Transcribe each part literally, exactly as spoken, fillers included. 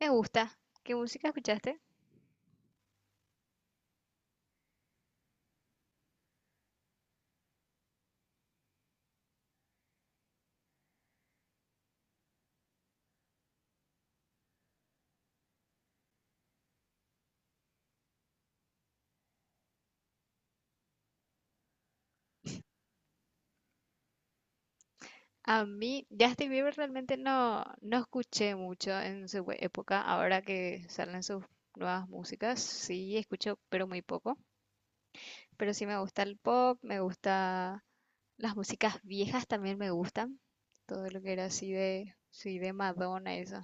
Me gusta. ¿Qué música escuchaste? A mí, Justin Bieber realmente no, no escuché mucho en su e- época. Ahora que salen sus nuevas músicas, sí escucho, pero muy poco. Pero sí me gusta el pop, me gusta las músicas viejas también me gustan. Todo lo que era así de, sí, de Madonna, eso.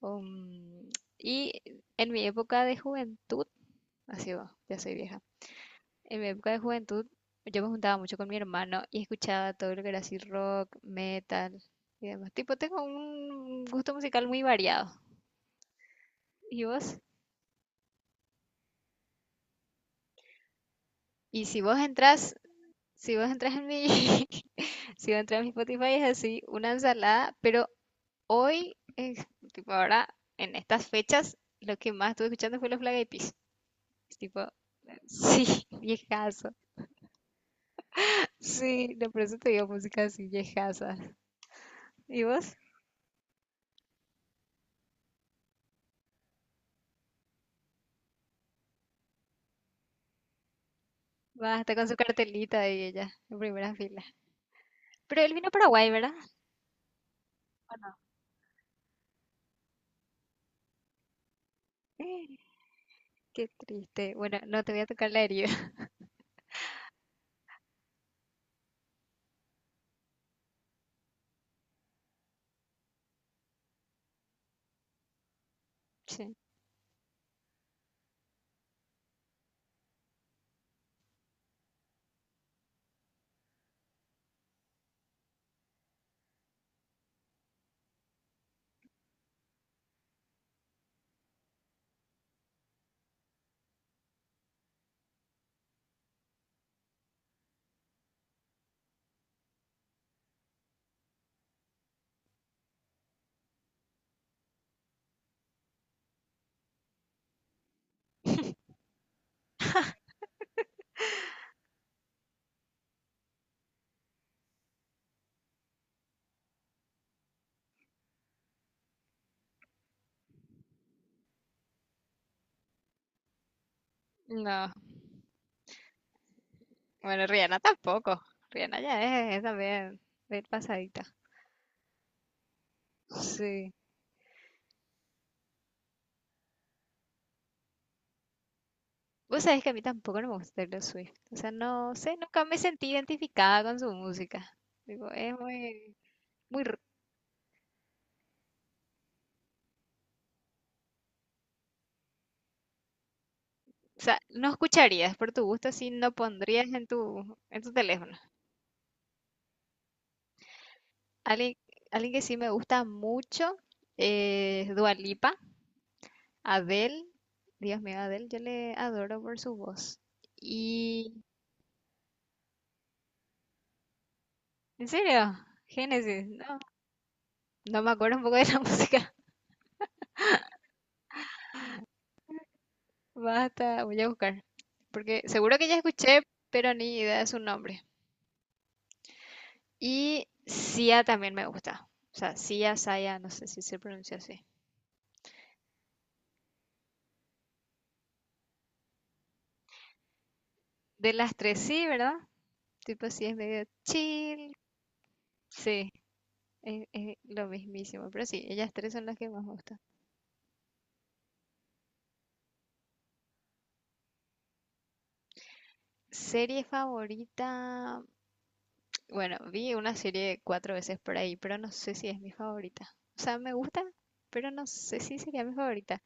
Um, y en mi época de juventud, así va, ya soy vieja. En mi época de juventud, yo me juntaba mucho con mi hermano y escuchaba todo lo que era así rock, metal y demás. Tipo, tengo un gusto musical muy variado. ¿Y vos? Y si vos entras, si vos entras en mi, si vos entras en mi Spotify es así, una ensalada, pero hoy, eh, tipo ahora, en estas fechas, lo que más estuve escuchando fue los Black Eyed Peas. Es tipo, sí, viejazo. Sí, no, por eso te digo música así, viejazas. ¿Y vos? Va, está con su cartelita y ella, en primera fila. Pero él vino a Paraguay, ¿verdad? ¿O no? Eh, qué triste. Bueno, no te voy a tocar la herida. Sí. No. Bueno, Rihanna tampoco. Rihanna ya es, es también bien pasadita. Sí. Vos sabés que a mí tampoco no me gusta Taylor Swift. O sea, no sé, nunca me sentí identificada con su música. Digo, es muy, muy, r- o sea, no escucharías por tu gusto si no pondrías en tu, en tu teléfono. Alguien, alguien que sí me gusta mucho es Dua Lipa, Adele. Dios mío, Adele, yo le adoro por su voz. Y ¿en serio? Génesis, no, no me acuerdo un poco de la música. Basta, voy a buscar. Porque seguro que ya escuché, pero ni idea de su nombre. Y Sia también me gusta. O sea, Sia, Saya, no sé si se pronuncia así. De las tres sí, ¿verdad? Tipo, sí, es medio chill. Sí. Es, es lo mismísimo, pero sí, ellas tres son las que más gustan. Serie favorita, bueno, vi una serie cuatro veces por ahí, pero no sé si es mi favorita. O sea, me gusta, pero no sé si sería mi favorita.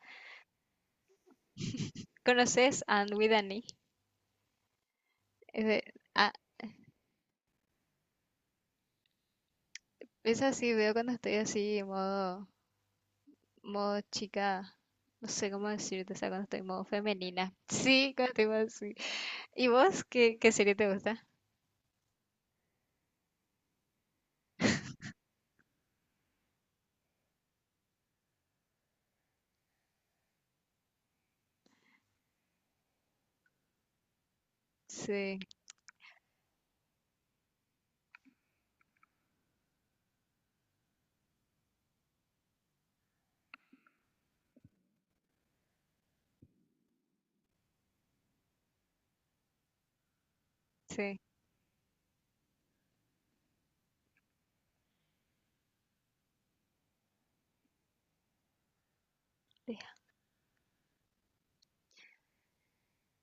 ¿Conoces And with an E? Es de- ah, esa sí veo cuando estoy así, en modo, modo chica, no sé cómo decirte, o sea, cuando estoy en modo femenina. Sí, cuando estoy modo así. ¿Y vos qué, qué serie te gusta? Sí, sí.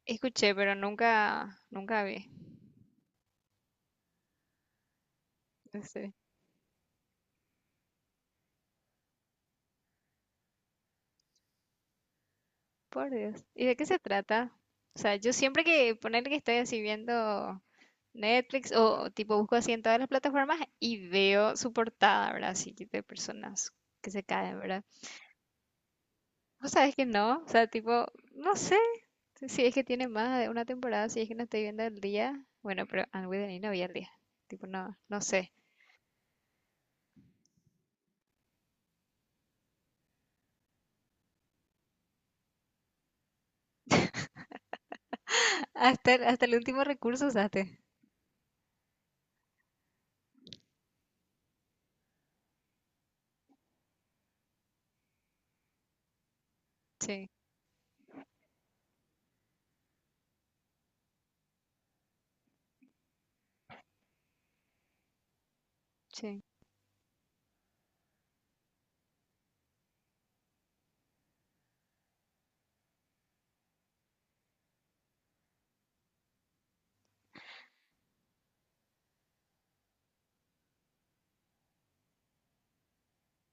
Escuché, pero nunca, nunca vi. Sí, por Dios. ¿Y de qué se trata? O sea, yo siempre que poner que estoy así viendo Netflix o tipo busco así en todas las plataformas y veo su portada, ¿verdad? Así que de personas que se caen, ¿verdad? O sabes que no, o sea, tipo, no sé si es que tiene más de una temporada, si es que no estoy viendo el día. Bueno, pero Anne with an E no vi el día. Tipo, no, no sé. Hasta, el- hasta el último recurso usaste. Sí, sí.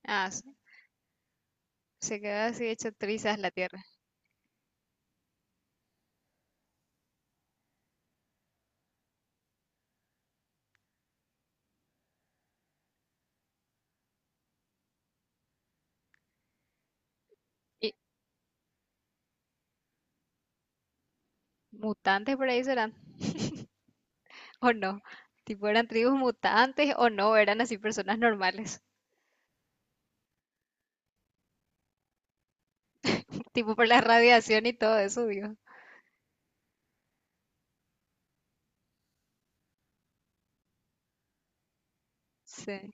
Ah, sí. Se quedó así hecho trizas la tierra. Y mutantes por ahí serán. O no. Tipo, eran tribus mutantes o no, eran así personas normales. Tipo, por la radiación y todo eso, digo, sí.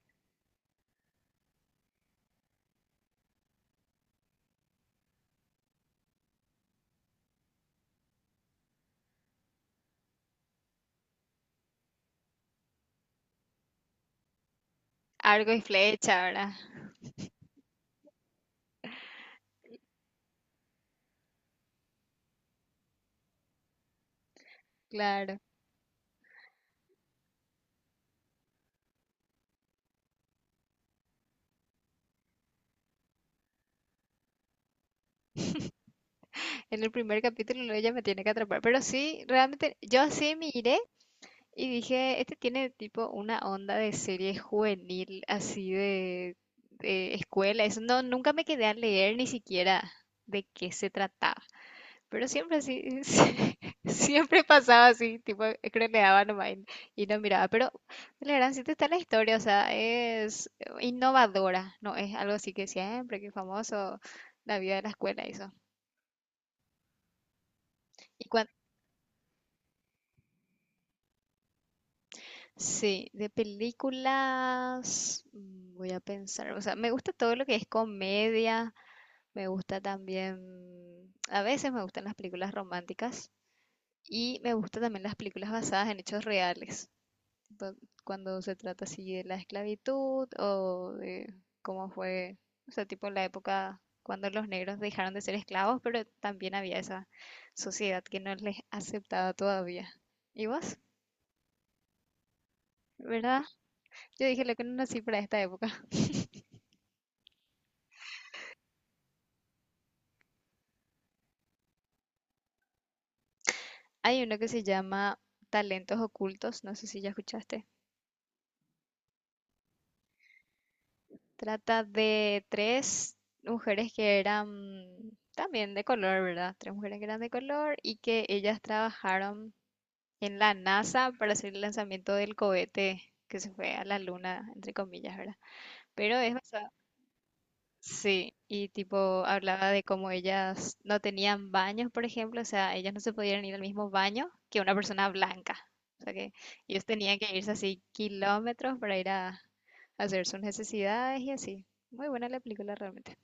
Arco y flecha, ¿verdad? Claro. En el primer capítulo luego ella me tiene que atrapar. Pero sí, realmente, yo así miré y dije, este tiene tipo una onda de serie juvenil, así de, de escuela. Eso no, nunca me quedé a leer ni siquiera de qué se trataba. Pero siempre así, siempre pasaba así, tipo, creneaba nomás y, y no miraba. Pero la gran sí está la historia, o sea, es innovadora, no es algo así que siempre, que famoso, la vida de la escuela, eso. Y cuan- sí, de películas, mm, voy a pensar, o sea, me gusta todo lo que es comedia, me gusta también, a veces me gustan las películas románticas y me gustan también las películas basadas en hechos reales. do- Cuando se trata así de la esclavitud o de cómo fue, o sea, tipo la época cuando los negros dejaron de ser esclavos, pero también había esa sociedad que no les aceptaba todavía. ¿Y vos? ¿Verdad? Yo dije lo que no nací para esta época. Hay uno que se llama Talentos Ocultos, no sé si ya escuchaste. Trata de tres mujeres que eran también de color, ¿verdad? Tres mujeres que eran de color y que ellas trabajaron en la N A S A para hacer el lanzamiento del cohete que se fue a la luna, entre comillas, ¿verdad? Pero es basado, sí, y tipo hablaba de cómo ellas no tenían baños, por ejemplo, o sea, ellas no se podían ir al mismo baño que una persona blanca, o sea que ellos tenían que irse así kilómetros para ir a, a hacer sus necesidades y así. Muy buena la película realmente.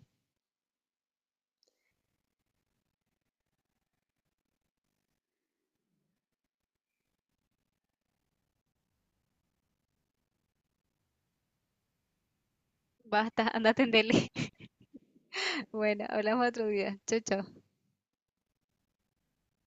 Basta, anda a atenderle. Bueno, hablamos otro día. Chau, chau.